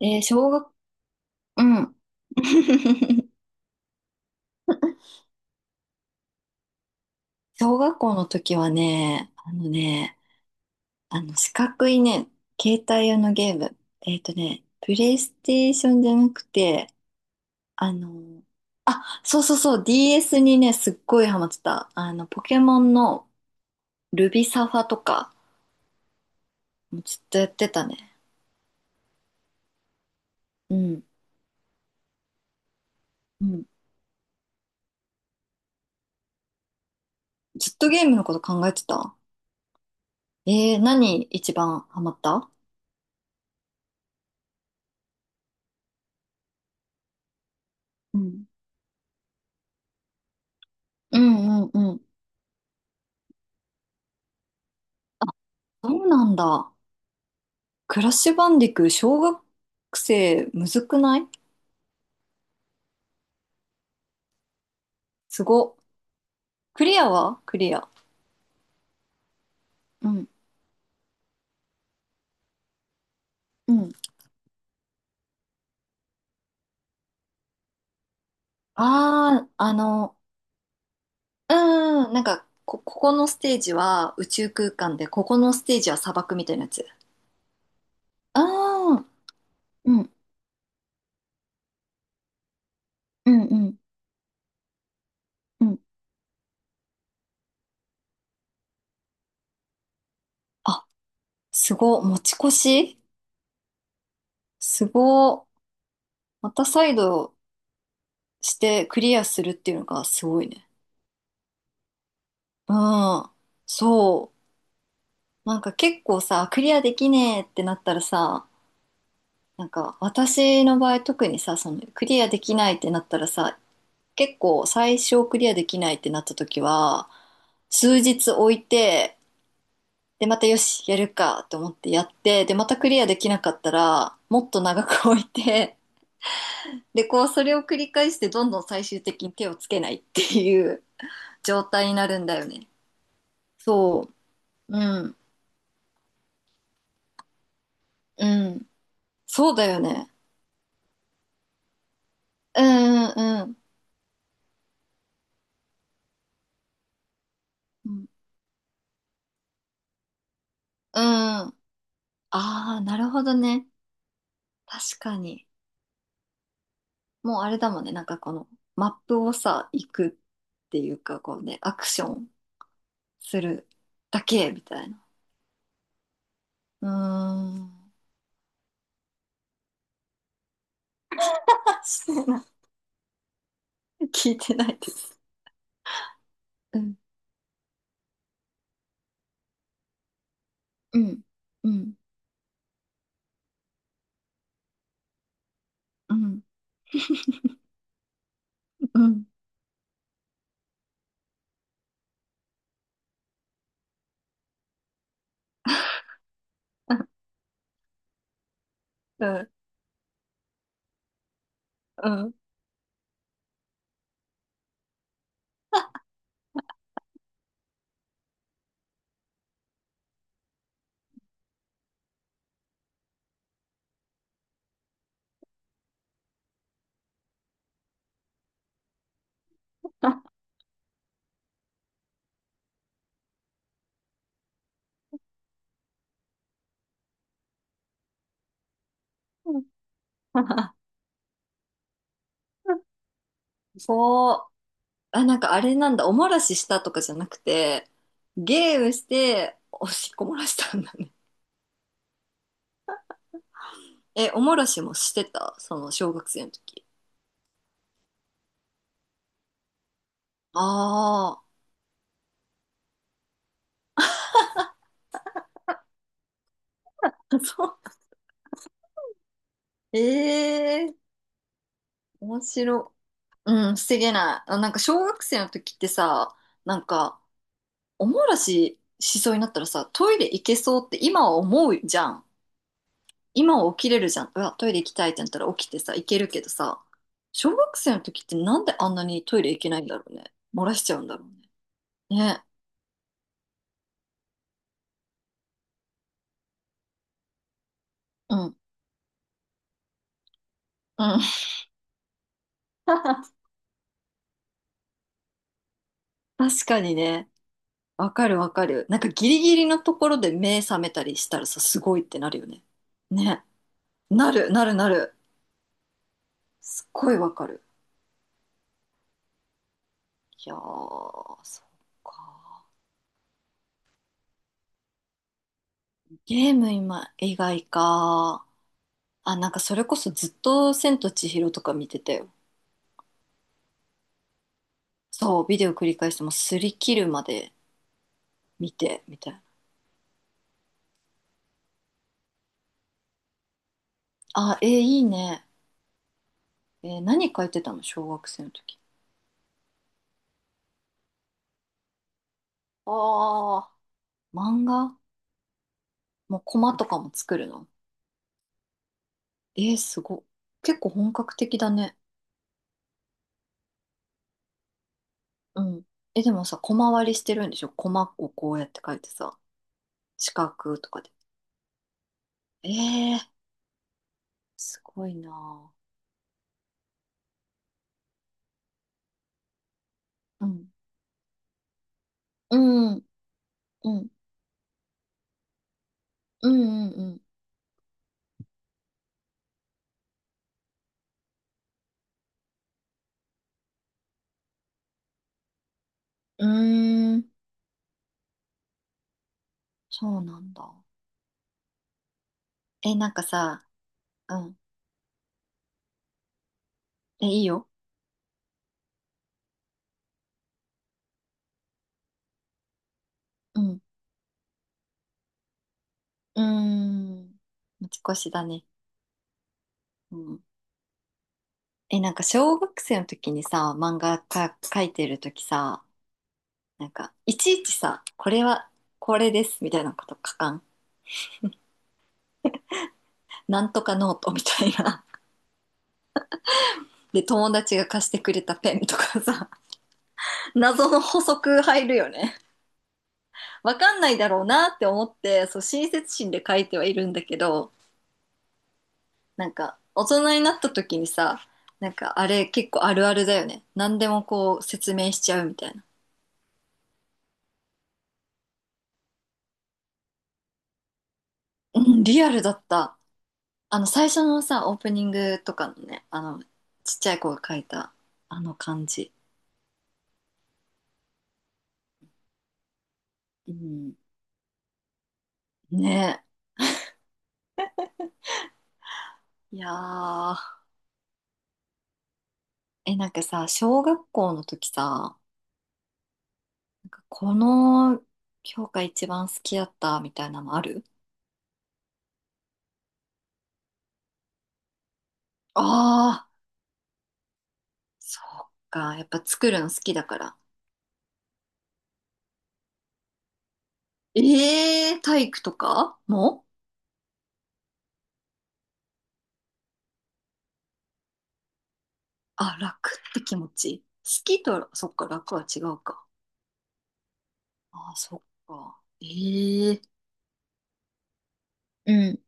えー小学、うん。小学校の時はね、あのね、あの四角いね、携帯用のゲーム。プレイステーションじゃなくて、あの、あ、そうそうそう、DS にね、すっごいハマってた。ポケモンのルビサファとか、もうずっとやってたね。うん。うん。ずっとゲームのこと考えてた。何一番ハマった？うん。うんうんうん。そうなんだ。クラッシュバンディク小学生、むずくない？すご。クリアはクリア？うん。うん。ああ、うなんか、ここのステージは宇宙空間で、ここのステージは砂漠みたいなやつ。ああ、うん。うんうんうん。あ、すご。持ち越し。すご。また再度してクリアするっていうのがすごいね。うん。そう。なんか結構さ、クリアできねえってなったらさ、なんか私の場合特にさ、そのクリアできないってなったらさ、結構最初クリアできないってなった時は、数日置いて、で、またよし、やるかと思ってやって、で、またクリアできなかったら、もっと長く置いて、で、こう、それを繰り返して、どんどん最終的に手をつけないっていう状態になるんだよね。そう。うん。うん。そうだよね。うん、うん、うん。うん。ああー、なるほどね。確かに。もうあれだもんね、なんかこのマップをさ、行くっていうか、こうね、アクションするだけみたいな。うーん、してない。聞いてないです。うん、うん、うん、うん、うん、うん、うん。そう。あ、なんかあれなんだ、お漏らししたとかじゃなくて、ゲームして、おしっこ漏らしたんだね。え、お漏らしもしてたその小学生の時？ああ、そう。ええ、面白い。うん、防げない。あ、なんか小学生の時ってさ、なんか、お漏らししそうになったらさ、トイレ行けそうって今は思うじゃん。今は起きれるじゃん。うわ、トイレ行きたいってなったら起きてさ、行けるけどさ、小学生の時ってなんであんなにトイレ行けないんだろうね。漏らしちゃうんだろうね。ね。うん。うん。確かにね。わかるわかる。なんかギリギリのところで目覚めたりしたらさ、すごいってなるよね。ね。なる、なる、なる。すっごいわかる。いやー、そっか。ゲーム今、以外か。あ、なんかそれこそずっと「千と千尋」とか見てたよ。そう、ビデオ繰り返してもう擦り切るまで見て、みたいな。あ、えーいいね。えー何書いてたの小学生の時？ああ、漫画。もうコマとかも作るの？えーすごっ。結構本格的だね。うん。え、でもさ、コマ割りしてるんでしょ？コマをこうやって書いてさ、四角とかで。えー、すごいなぁ。うんうん、うん、うん、うん、うん。うーん、そうなんだ。え、なんかさ、うん。え、いいよ。うん。うーん。持ち越しだね。うん。え、なんか小学生の時にさ、漫画か書いてる時さ、なんか、いちいちさ、これは、これです、みたいなこと書かん？なんとかノートみたいな。で、友達が貸してくれたペンとかさ、謎の補足入るよね。わかんないだろうなって思って、そう、親切心で書いてはいるんだけど、なんか、大人になった時にさ、なんかあれ結構あるあるだよね。何でもこう説明しちゃうみたいな。うん、リアルだった。あの、最初のさ、オープニングとかのね、あの、ちっちゃい子が書いた、あの感じ。うん。ねえ。いやー。え、なんかさ、小学校の時さ、なんかこの教科一番好きだったみたいなのある？ああー、そっか。やっぱ作るの好きだから。ええー、体育とかも？あ、楽って気持ち。好きと、そっか、楽は違うか。あ、そっか。ええ、うん、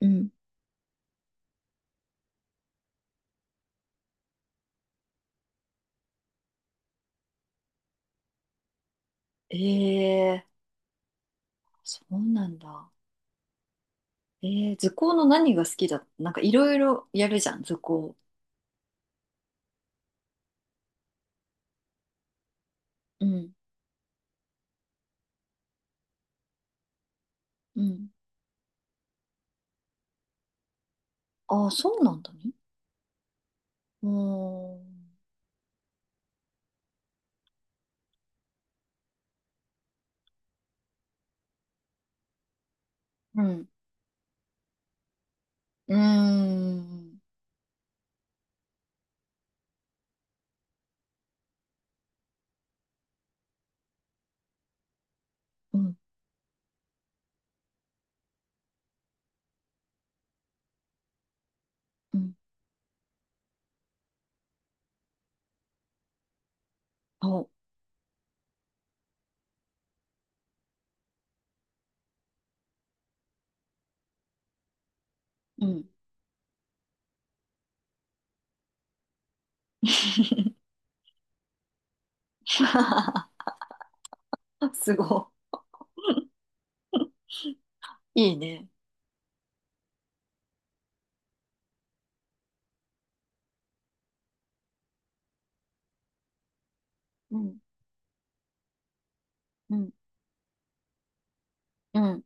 うん。ええ、そうなんだ。ええ、図工の何が好きだ？なんかいろいろやるじゃん、図工。うん、うん、ああ、そうなんだね。うーん。うん、うーん、うん、うん。お、うん、すごい。いいね。うん、うん、うん。